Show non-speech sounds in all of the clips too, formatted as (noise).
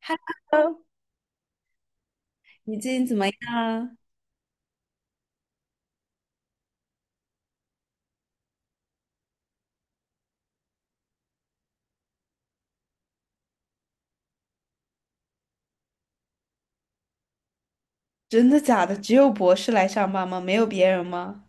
Hello，你最近怎么样啊？真的假的？只有博士来上班吗？没有别人吗？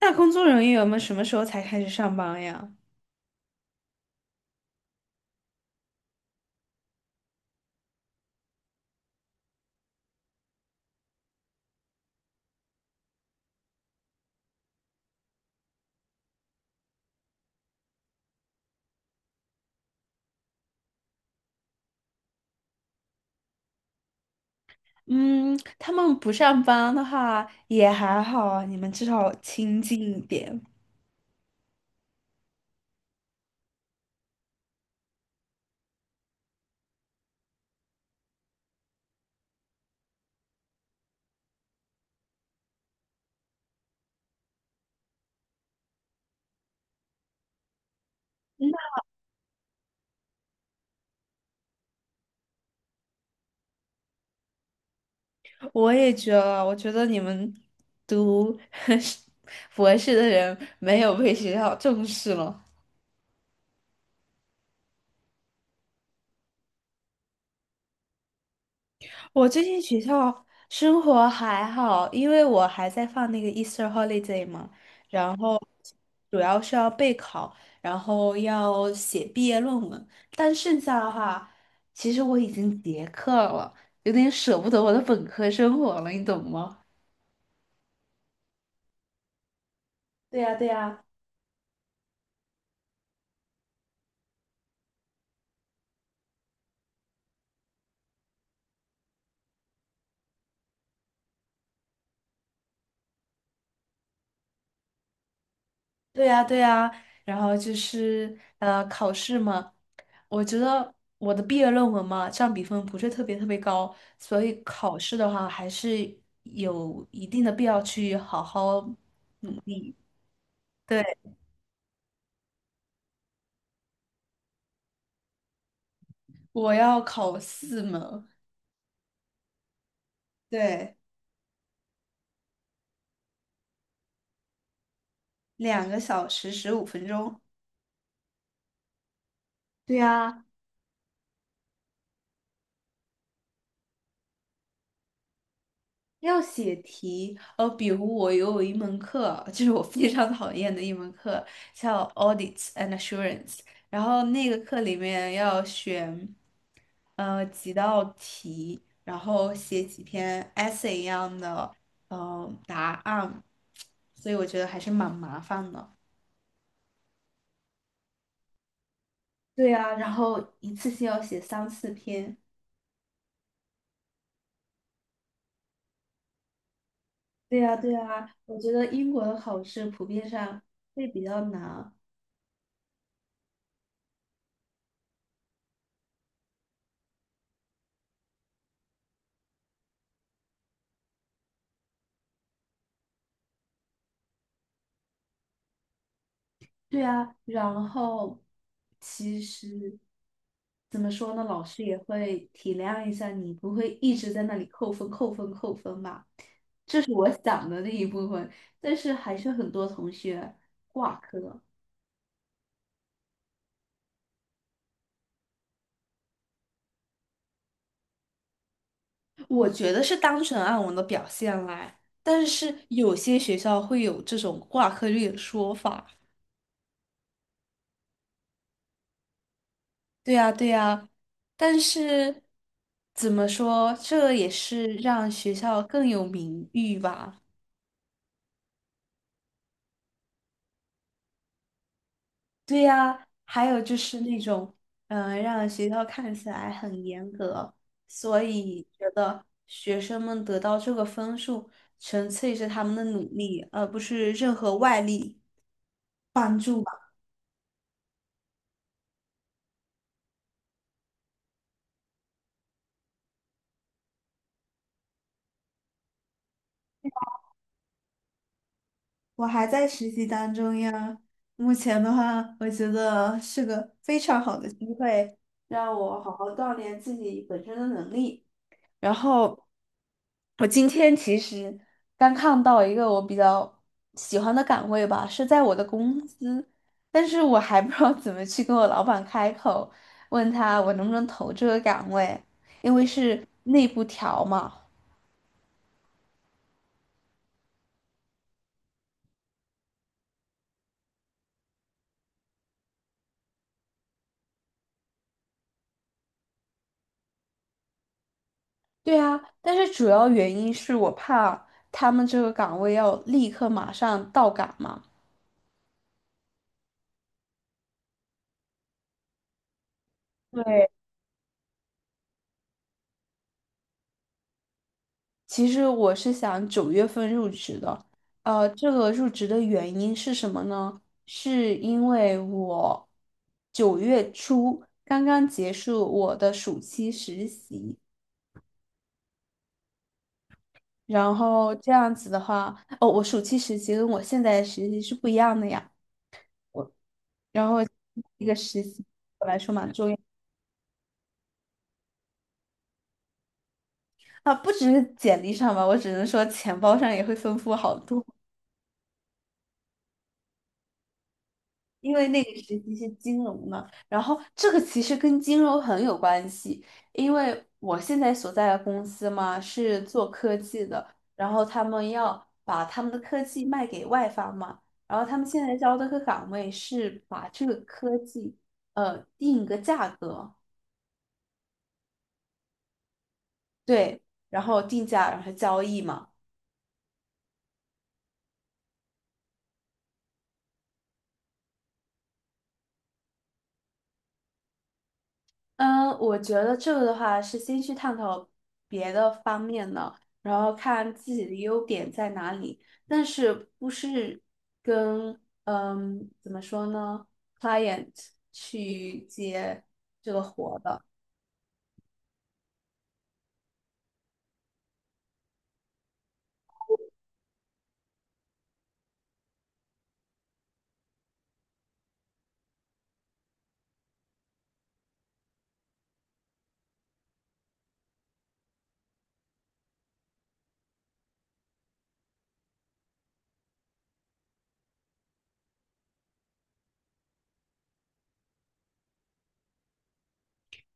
那工作人员们什么时候才开始上班呀？嗯，他们不上班的话也还好啊，你们至少清静一点。我也觉得，我觉得你们读 (laughs) 博士的人没有被学校重视了。我最近学校生活还好，因为我还在放那个 Easter holiday 嘛，然后主要是要备考，然后要写毕业论文，但剩下的话，其实我已经结课了，有点舍不得我的本科生活了，你懂吗？对呀，对呀。对呀，对呀，然后就是考试嘛，我觉得我的毕业论文嘛，占比分不是特别特别高，所以考试的话还是有一定的必要去好好努力。对，我要考四门，对，2个小时15分钟。对呀。要写题，比如我有一门课，(laughs) 就是我非常讨厌的一门课，叫 Audits and Assurance，然后那个课里面要选，几道题，然后写几篇 essay 一样的，答案，所以我觉得还是蛮麻烦的。对呀，然后一次性要写三四篇。对呀，对呀，我觉得英国的考试普遍上会比较难。对啊，然后其实怎么说呢，老师也会体谅一下你，不会一直在那里扣分、扣分、扣分吧？这是我想的那一部分，但是还是很多同学挂科。我觉得是单纯按我的表现来，但是有些学校会有这种挂科率的说法。对呀，对呀，但是怎么说，这也是让学校更有名誉吧。对呀，还有就是那种，让学校看起来很严格，所以觉得学生们得到这个分数，纯粹是他们的努力，而不是任何外力帮助吧。我还在实习当中呀，目前的话，我觉得是个非常好的机会，让我好好锻炼自己本身的能力。然后我今天其实刚看到一个我比较喜欢的岗位吧，是在我的公司，但是我还不知道怎么去跟我老板开口，问他我能不能投这个岗位，因为是内部调嘛。对啊，但是主要原因是我怕他们这个岗位要立刻马上到岗嘛。对，其实我是想9月份入职的，这个入职的原因是什么呢？是因为我9月初刚刚结束我的暑期实习，然后这样子的话，哦，我暑期实习跟我现在的实习是不一样的呀，我然后一个实习对我来说嘛，重要啊，不只是简历上吧，我只能说钱包上也会丰富好多。因为那个时期是金融嘛，然后这个其实跟金融很有关系，因为我现在所在的公司嘛是做科技的，然后他们要把他们的科技卖给外方嘛，然后他们现在招的个岗位是把这个科技定一个价格，对，然后定价然后交易嘛。嗯，我觉得这个的话是先去探讨别的方面的，然后看自己的优点在哪里，但是不是跟怎么说呢，client 去接这个活的。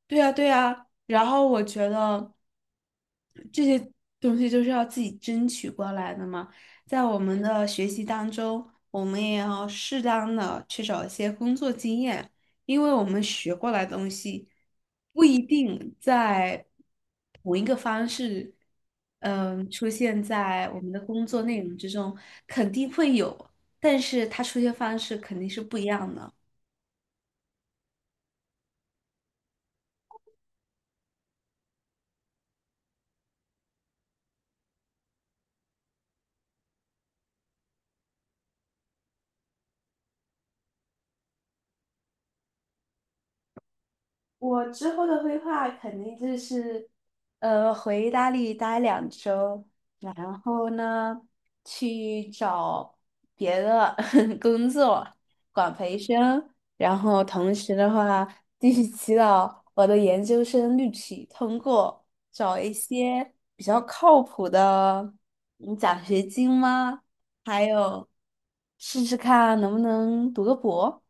对呀，对呀，然后我觉得这些东西就是要自己争取过来的嘛。在我们的学习当中，我们也要适当的去找一些工作经验，因为我们学过来的东西不一定在同一个方式，嗯，出现在我们的工作内容之中，肯定会有，但是它出现方式肯定是不一样的。我之后的规划肯定就是，回意大利待2周，然后呢，去找别的 (laughs) 工作，管培生，然后同时的话，继续祈祷我的研究生录取通过，找一些比较靠谱的奖学金吗？还有试试看能不能读个博。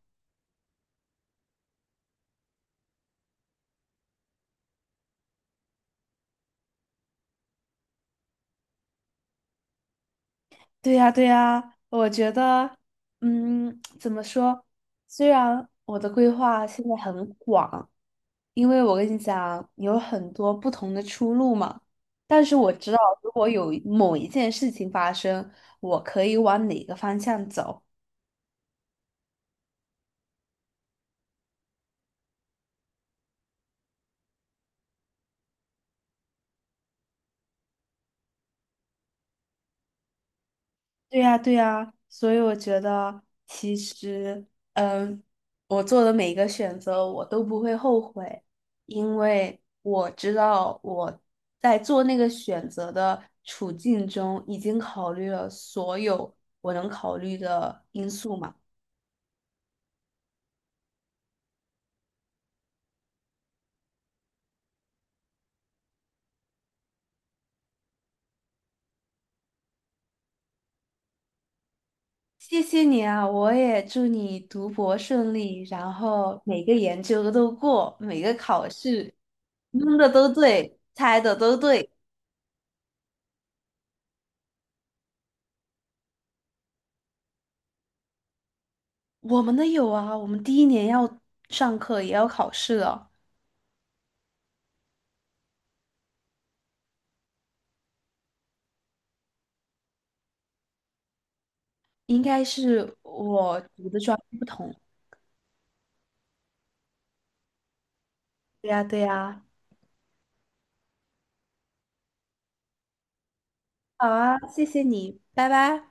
对呀，对呀，我觉得，怎么说？虽然我的规划现在很广，因为我跟你讲，有很多不同的出路嘛。但是我知道，如果有某一件事情发生，我可以往哪个方向走。对呀，对呀，所以我觉得其实，嗯，我做的每一个选择我都不会后悔，因为我知道我在做那个选择的处境中已经考虑了所有我能考虑的因素嘛。谢谢你啊，我也祝你读博顺利，然后每个研究都过，每个考试蒙的都对，猜的都对。我们的有啊，我们第一年要上课，也要考试了，应该是我读的专业不同。对呀，对呀，好啊，谢谢你，拜拜。